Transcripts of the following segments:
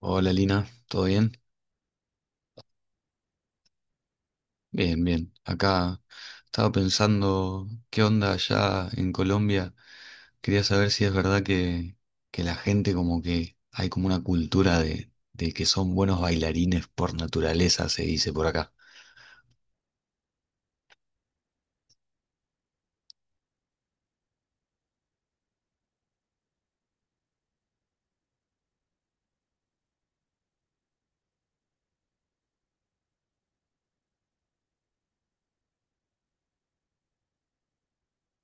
Hola Lina, ¿todo bien? Bien, bien. Acá estaba pensando qué onda allá en Colombia. Quería saber si es verdad que la gente como que hay como una cultura de que son buenos bailarines por naturaleza, se dice por acá.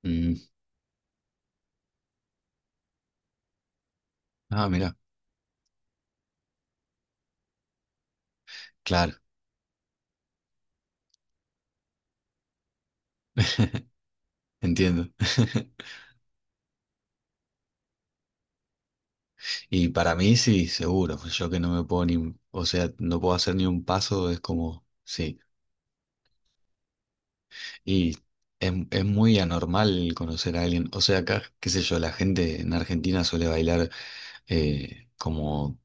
Mm. Ah, mira, claro, entiendo. Y para mí sí, seguro. Yo que no me puedo ni, o sea, no puedo hacer ni un paso, es como, sí. Y es muy anormal conocer a alguien. O sea, acá, qué sé yo, la gente en Argentina suele bailar como,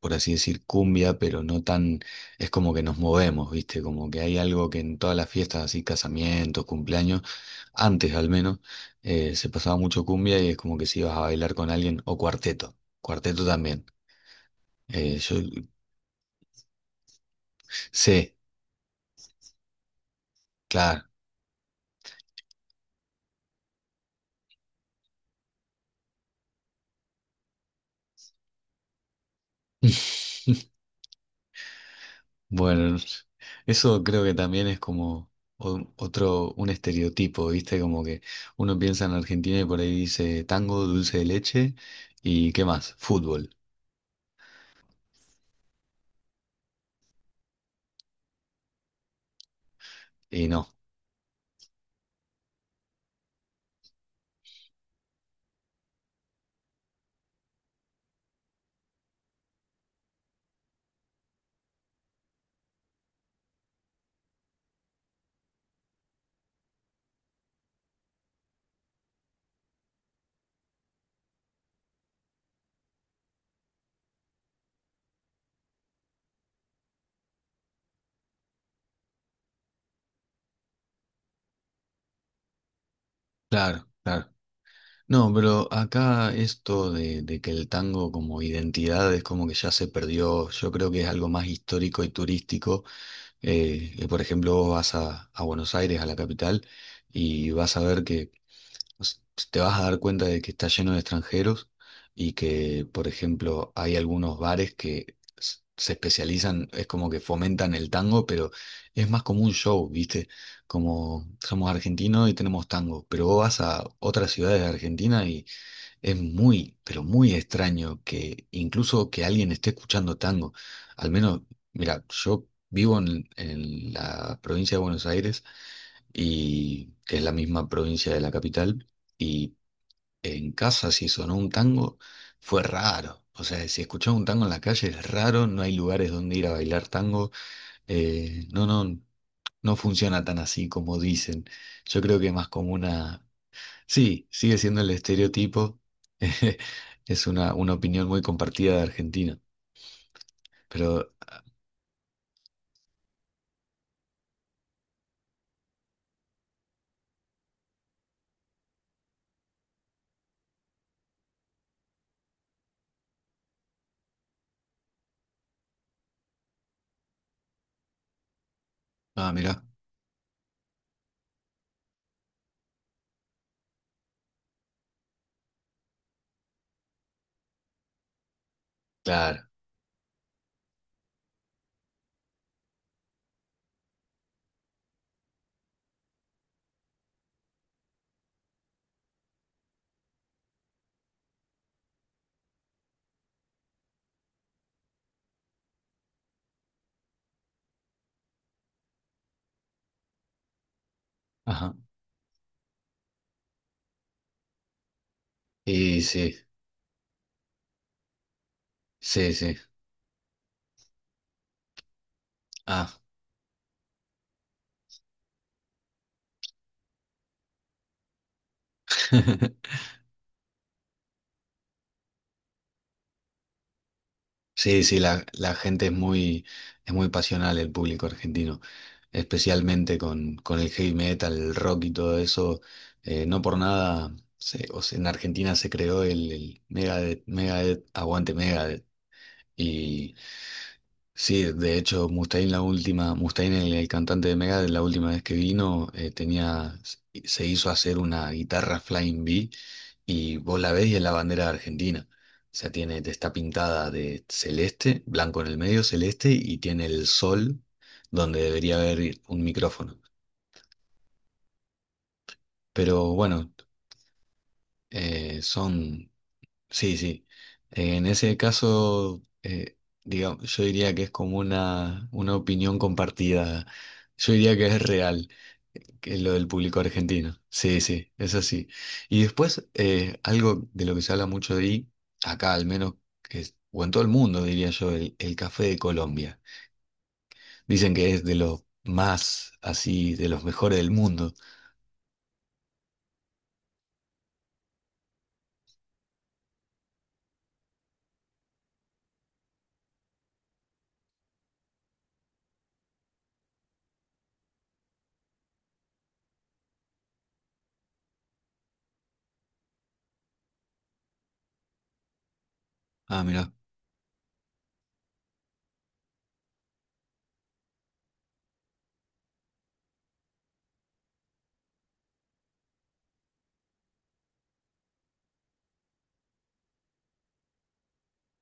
por así decir, cumbia, pero no tan, es como que nos movemos, ¿viste? Como que hay algo que en todas las fiestas, así, casamientos, cumpleaños, antes al menos, se pasaba mucho cumbia y es como que si ibas a bailar con alguien, o cuarteto, cuarteto también. Yo sé, claro. Bueno, eso creo que también es como otro, un estereotipo, ¿viste? Como que uno piensa en Argentina y por ahí dice tango, dulce de leche y ¿qué más? Fútbol. Y no, claro, claro. No, pero acá esto de que el tango como identidad es como que ya se perdió, yo creo que es algo más histórico y turístico. Que por ejemplo, vos vas a Buenos Aires, a la capital, y vas a ver que s- te vas a dar cuenta de que está lleno de extranjeros y que, por ejemplo, hay algunos bares que se especializan, es como que fomentan el tango, pero es más como un show, ¿viste? Como somos argentinos y tenemos tango, pero vos vas a otras ciudades de Argentina y es muy, pero muy extraño que incluso que alguien esté escuchando tango. Al menos, mira, yo vivo en la provincia de Buenos Aires y que es la misma provincia de la capital, y en casa si sonó un tango fue raro. O sea, si escuchás un tango en la calle es raro, no hay lugares donde ir a bailar tango. No, no funciona tan así como dicen. Yo creo que más como una... Sí, sigue siendo el estereotipo. Es una opinión muy compartida de Argentina. Pero ah, mirá, claro. Ajá. Y sí, sí, sí. Ah. Sí, sí, la gente es muy pasional el público argentino, especialmente con el heavy metal, el rock y todo eso. No por nada, o sea, en Argentina se creó el Megadeth, Megadeth, Aguante Megadeth. Sí, de hecho, Mustaine la última, Mustaine, el cantante de Megadeth, la última vez que vino, tenía, se hizo hacer una guitarra Flying V y vos la ves y es la bandera de Argentina. O sea, tiene, está pintada de celeste, blanco en el medio, celeste, y tiene el sol donde debería haber un micrófono. Pero bueno, son. Sí, sí. En ese caso, digamos, yo diría que es como una opinión compartida. Yo diría que es real, que es lo del público argentino. Sí, sí, es así. Y después, algo de lo que se habla mucho de acá al menos, que es- o en todo el mundo, diría yo, el café de Colombia. Dicen que es de los más, así, de los mejores del mundo. Ah, mira,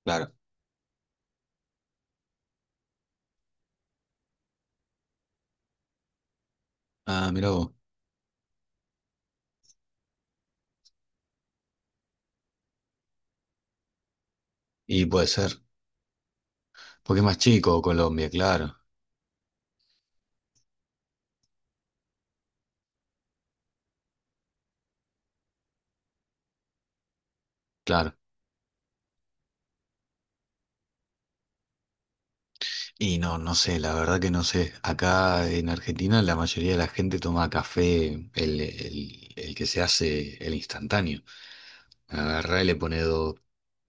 claro. Ah, mira vos. Y puede ser, porque es más chico Colombia, claro, claro. Y no, no sé, la verdad que no sé. Acá en Argentina la mayoría de la gente toma café, el que se hace, el instantáneo. Agarrá y le pone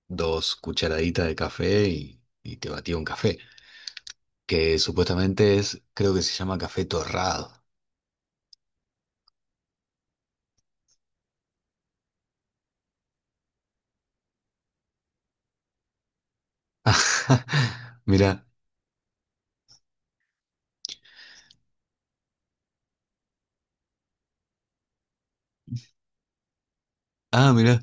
dos cucharaditas de café y te batía un café. Que supuestamente es, creo que se llama café torrado. Mirá, ah, mirá.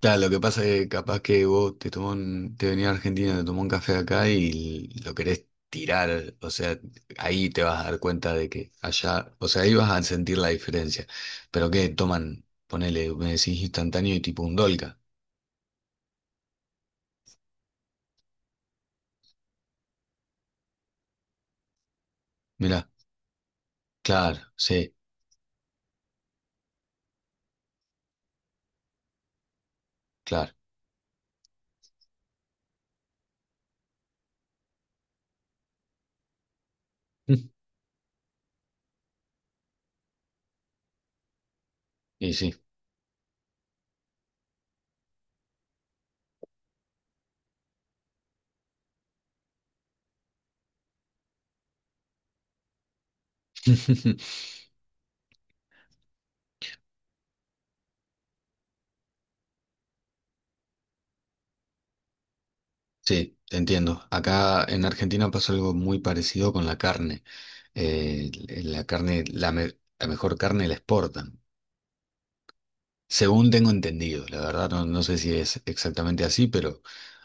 Claro, lo que pasa es que capaz que vos te tomó te venía a Argentina, te tomó un café acá y lo querés tirar, o sea, ahí te vas a dar cuenta de que allá, o sea, ahí vas a sentir la diferencia. Pero que toman, ponele, me decís instantáneo y tipo un Dolca. Mirá, claro, sí, claro. Y sí. Sí, te entiendo. Acá en Argentina pasa algo muy parecido con la carne. Eh, la carne, la, la mejor carne la exportan. Según tengo entendido, la verdad no, no sé si es exactamente así, pero,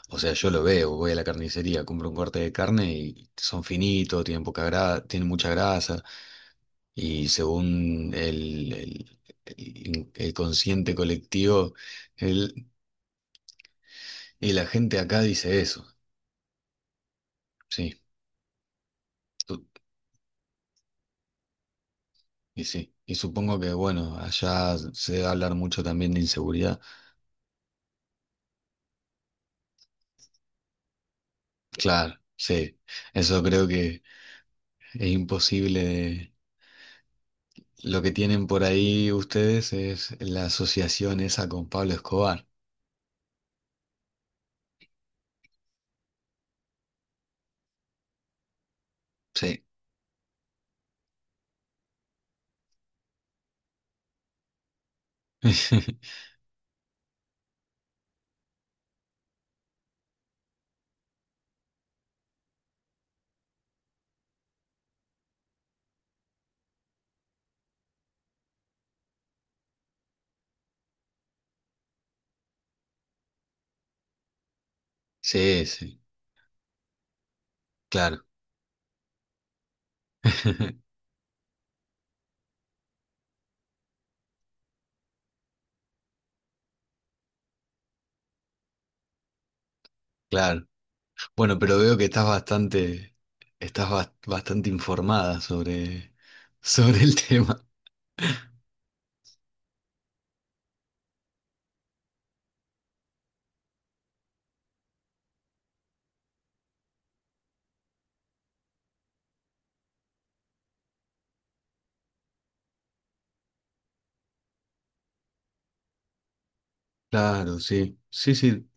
o sea, yo lo veo, voy a la carnicería, compro un corte de carne y son finitos, tienen poca grasa, tienen mucha grasa, y según el consciente colectivo, el- y la gente acá dice eso, sí, tú- y sí, y supongo que, bueno, allá se debe hablar mucho también de inseguridad, claro, sí, eso creo que es imposible. Lo que tienen por ahí ustedes es la asociación esa con Pablo Escobar. Sí, sí, sí, claro, claro. Bueno, pero veo que estás bastante, estás bastante informada sobre, sobre el tema. Claro, sí, sí, sí,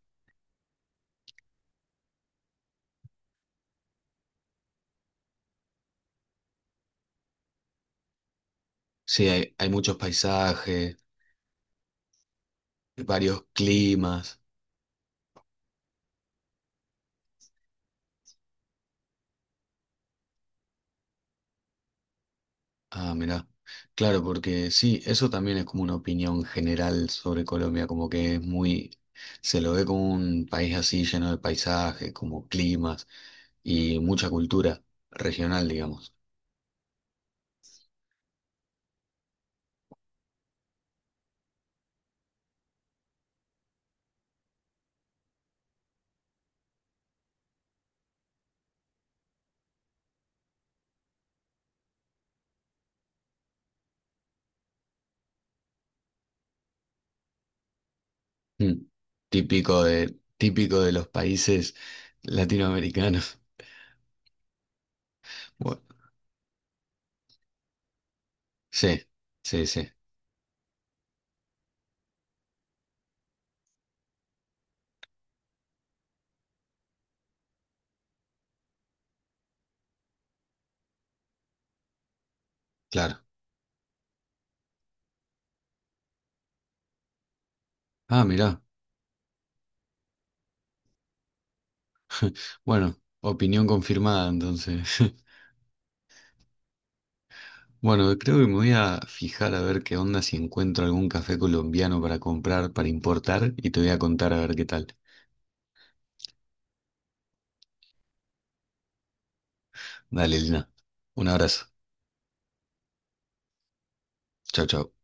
sí, hay muchos paisajes, varios climas. Ah, mirá. Claro, porque sí, eso también es como una opinión general sobre Colombia, como que es muy, se lo ve como un país así lleno de paisajes, como climas y mucha cultura regional, digamos. Mm. Típico de los países latinoamericanos. Bueno, sí, sí, sí, claro. Ah, mirá. Bueno, opinión confirmada entonces. Bueno, creo que me voy a fijar a ver qué onda si encuentro algún café colombiano para comprar, para importar, y te voy a contar a ver qué tal. Dale, Lina. Un abrazo. Chao, chao.